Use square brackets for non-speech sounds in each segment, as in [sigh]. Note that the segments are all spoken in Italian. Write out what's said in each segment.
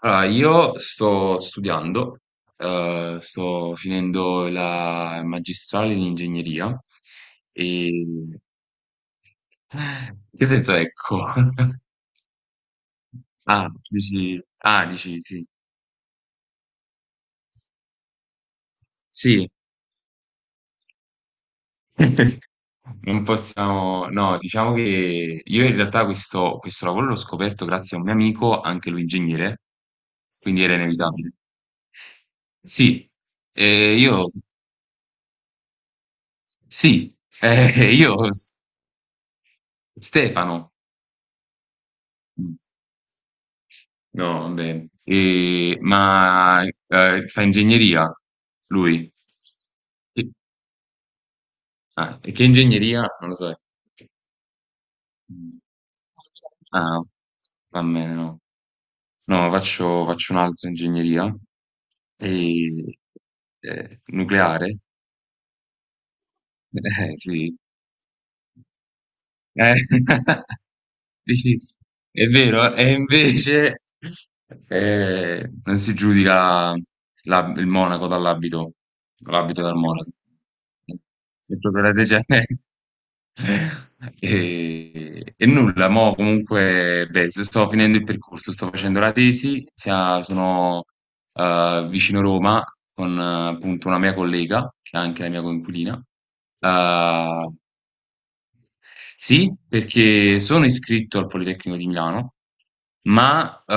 Allora, io sto studiando, sto finendo la magistrale in ingegneria e... [laughs] in che senso, ecco? [laughs] Ah, dici sì. Sì. [laughs] Non possiamo... No, diciamo che io in realtà questo lavoro l'ho scoperto grazie a un mio amico, anche lui ingegnere, quindi era inevitabile. Sì. eh, io... Sì. eh, [laughs] io... S- Stefano. No, vabbè. Ma fa ingegneria lui? Che- Ah, e che ingegneria? Non lo so. Mm. Ah, va bene, no. No, faccio un'altra ingegneria e nucleare. [laughs] Sì. Eh, [laughs] dici, è vero, e invece non si giudica il monaco dall'abito, l'abito dal monaco. Se trovate gente- [laughs] E nulla, mo comunque, beh, sto finendo il percorso, sto facendo la tesi, sono vicino Roma con appunto una mia collega, che è anche la mia coinquilina. eh, sì, perché sono iscritto al Politecnico di Milano, ma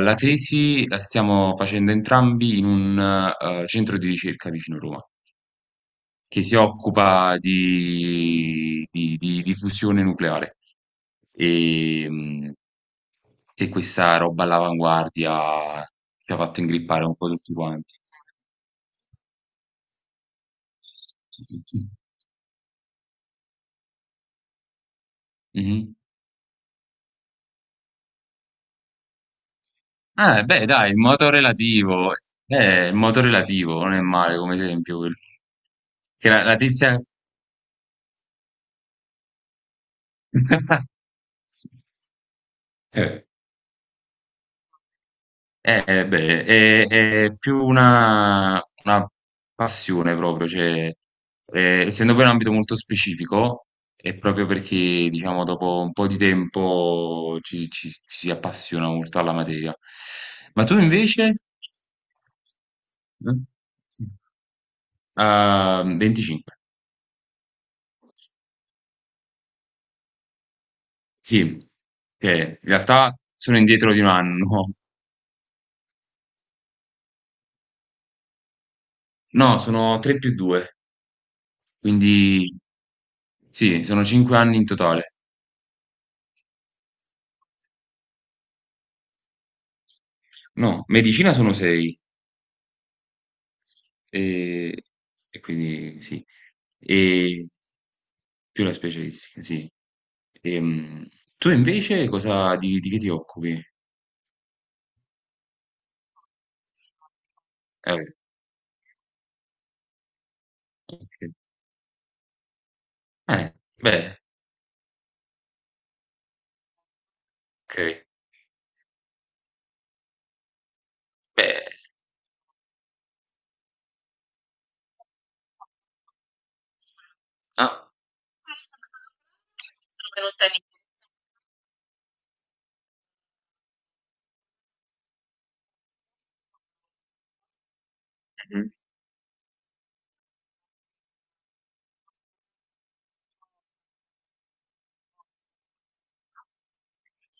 la tesi la stiamo facendo entrambi in un centro di ricerca vicino Roma, che si occupa di fusione nucleare e, mh, e questa roba all'avanguardia ci ha fatto ingrippare un po' tutti quanti. Mhm. Beh, dai, il moto relativo. Il moto relativo non è male come esempio quello. Che la tizia... [laughs] Eh, beh, è più una passione proprio, cioè, essendo poi un ambito molto specifico, è proprio perché, diciamo, dopo un po' di tempo ci si appassiona molto alla materia. Ma tu invece? Eh? Sì. Ah, 25. Sì, che in realtà sono indietro di un anno. No, sono 3 più 2, quindi sì, sono 5 anni in totale. No, medicina sono 6 e, e quindi sì, e più la specialistica, sì. Ehm, Tu invece cosa, di che ti occupi? Eh, ok. Eh, beh, ok. Beh, ah,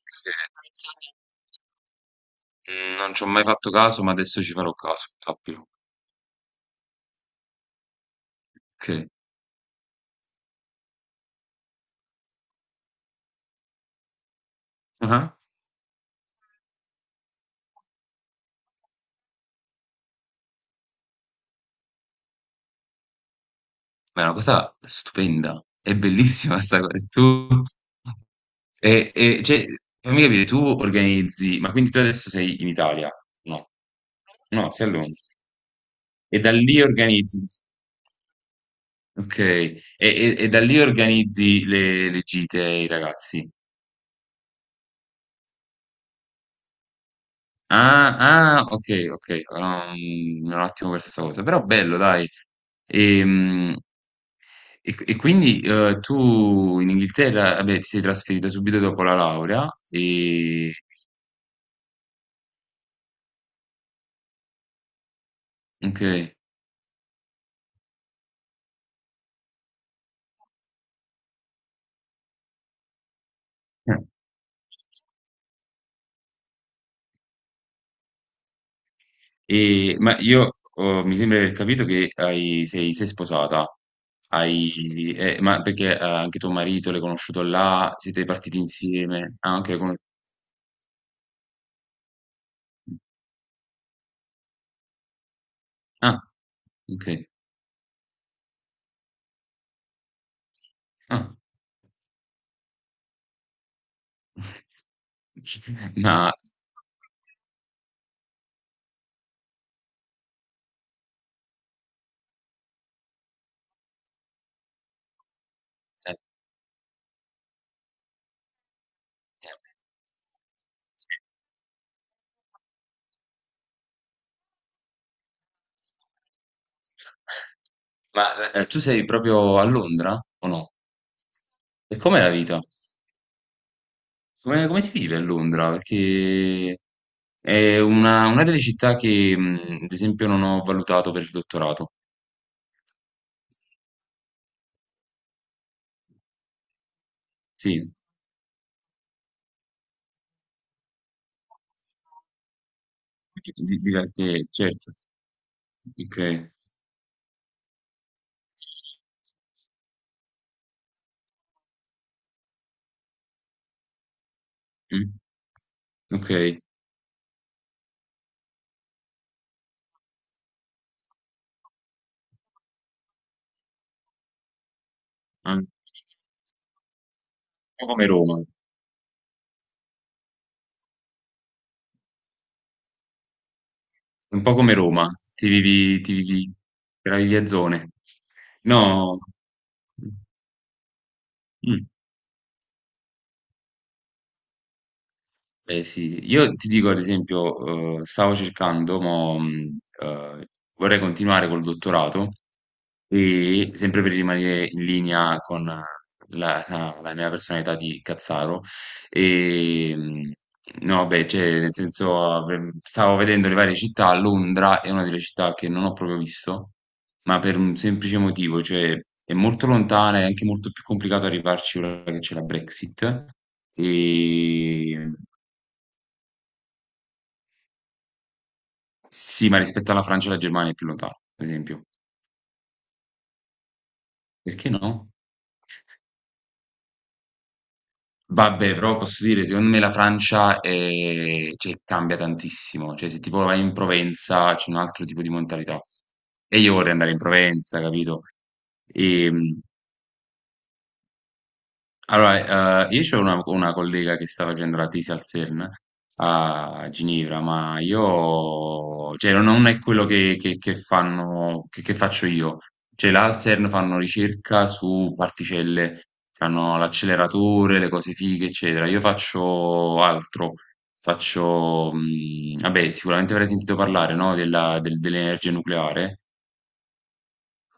ok. Mm, non ci ho mai fatto caso, ma adesso ci farò caso, sappilo. Ok. Ah-ah. Ma è una cosa stupenda, è bellissima sta cosa. Tu e cioè, fammi capire, tu organizzi ma quindi tu adesso sei in Italia? No. No, sei a. Sì, Londra. Sì. E da lì organizzi, okay. E da lì organizzi le gite ai ragazzi. Ah, ah, okay, okay. Mi ero un attimo perso sta cosa, però bello dai. Ehm e quindi tu in Inghilterra, vabbè, ti sei trasferita subito dopo la laurea e... Ok. Eh. Ma io, oh, mi sembra di aver capito che sei sposata, ma perché anche tuo marito l'hai conosciuto là, siete partiti insieme? Ah, anche l'hai conosciuto. Ah, ok. Ah. [laughs] Ma, eh, ma, tu sei proprio a Londra o no? E com'è la vita? Come si vive a Londra? Perché è una delle città che, ad esempio, non ho valutato per il dottorato. Sì, certo. Ok. Mm. Ok. Ah, un po' come Roma. Un po' come Roma. Ti vivi, ti vivi, te la vivi a zone. No. Mm. Beh, sì. Io ti dico, ad esempio, stavo cercando, mo, vorrei continuare col dottorato. E sempre per rimanere in linea con la mia personalità di cazzaro, e, mh, no, beh, cioè, nel senso, stavo vedendo le varie città. Londra è una delle città che non ho proprio visto, ma per un semplice motivo, cioè è molto lontana, è anche molto più complicato arrivarci ora che c'è la Brexit. E sì, ma rispetto alla Francia e alla Germania è più lontano, per esempio. Perché no? Vabbè, però posso dire, secondo me la Francia è- cioè, cambia tantissimo. Cioè, se tipo vai in Provenza c'è un altro tipo di mentalità. E io vorrei andare in Provenza, capito? E allora, io c'ho una collega che sta facendo la tesi al CERN a Ginevra, ma io, cioè, non è quello che, che fanno, che faccio io. Cioè, là al CERN fanno ricerca su particelle, fanno l'acceleratore, le cose fighe, eccetera. Io faccio altro, faccio, vabbè, sicuramente avrei sentito parlare, no, dell'energia nucleare.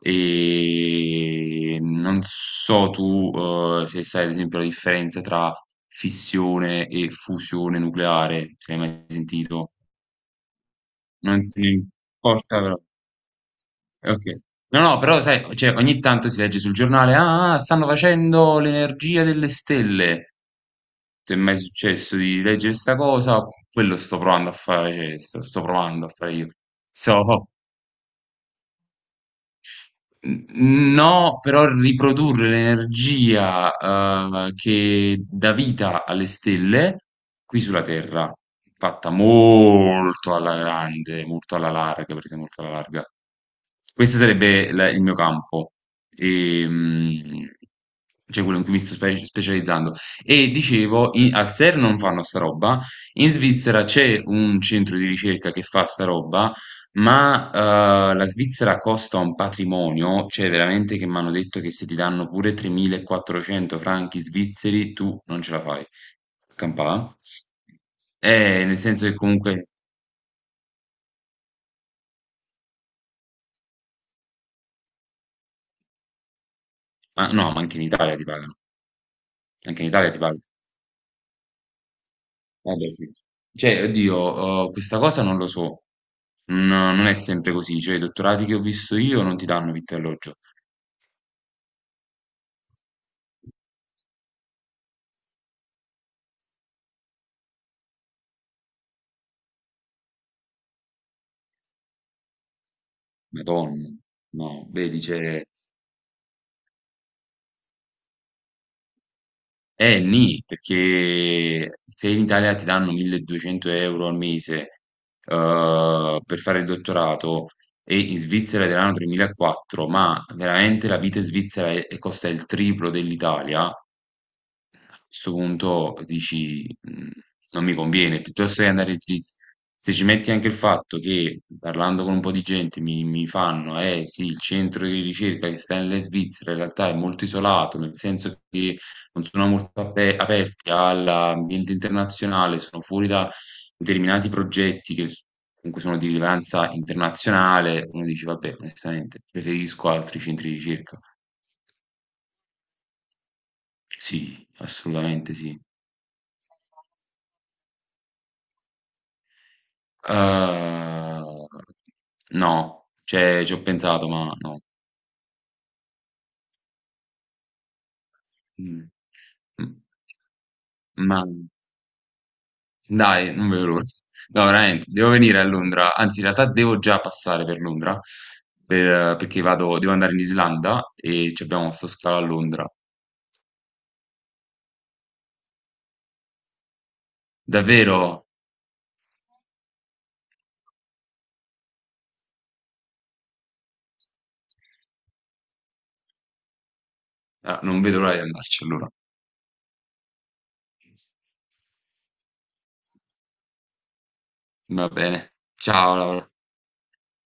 E non so tu, se sai ad esempio la differenza tra fissione e fusione nucleare, se hai mai sentito. Non ti importa però. Ok. No, no, però sai, cioè, ogni tanto si legge sul giornale, ah, ah, stanno facendo l'energia delle stelle. Ti è mai successo di leggere sta cosa? Quello sto provando a fare, cioè, sto provando a fare io. So. N- No, però riprodurre l'energia che dà vita alle stelle qui sulla Terra, fatta molto alla grande, molto alla larga, perché molto alla larga. Questo sarebbe il mio campo, ehm, cioè quello in cui mi sto specializzando. E dicevo, al SER non fanno sta roba, in Svizzera c'è un centro di ricerca che fa sta roba, ma la Svizzera costa un patrimonio, cioè veramente che mi hanno detto che se ti danno pure 3.400 franchi svizzeri, tu non ce la fai. A campà. Nel senso che comunque, ma no, ma anche in Italia ti pagano, anche in Italia ti pagano. Eh beh, sì. Cioè, oddio, questa cosa non lo so. Non è sempre così. Cioè, i dottorati che ho visto io non ti danno vitto e alloggio. Madonna. No, vedi, cioè... nì, perché se in Italia ti danno 1200 euro al mese per fare il dottorato e in Svizzera ti danno 3.400, ma veramente la vita in Svizzera costa il triplo dell'Italia, sto punto dici: "Mhmm, non mi conviene", piuttosto che andare dritti. Se ci metti anche il fatto che, parlando con un po' di gente, mi fanno: "Eh sì, il centro di ricerca che sta nella Svizzera in realtà è molto isolato, nel senso che non sono molto aperti all'ambiente internazionale, sono fuori da determinati progetti che s comunque sono di rilevanza internazionale". Uno dice: "Vabbè, onestamente preferisco altri centri di ricerca". Sì, assolutamente sì. Eh, no, cioè ci ho pensato, ma no. Mm. Mm. Ma dai, non vedo l'ora. No, veramente, devo venire a Londra, anzi in realtà devo già passare per Londra, perché vado, devo andare in Islanda e ci abbiamo sto scalo a Londra. Davvero, ah, non vedo l'ora di andarci allora. Va bene, ciao Laura.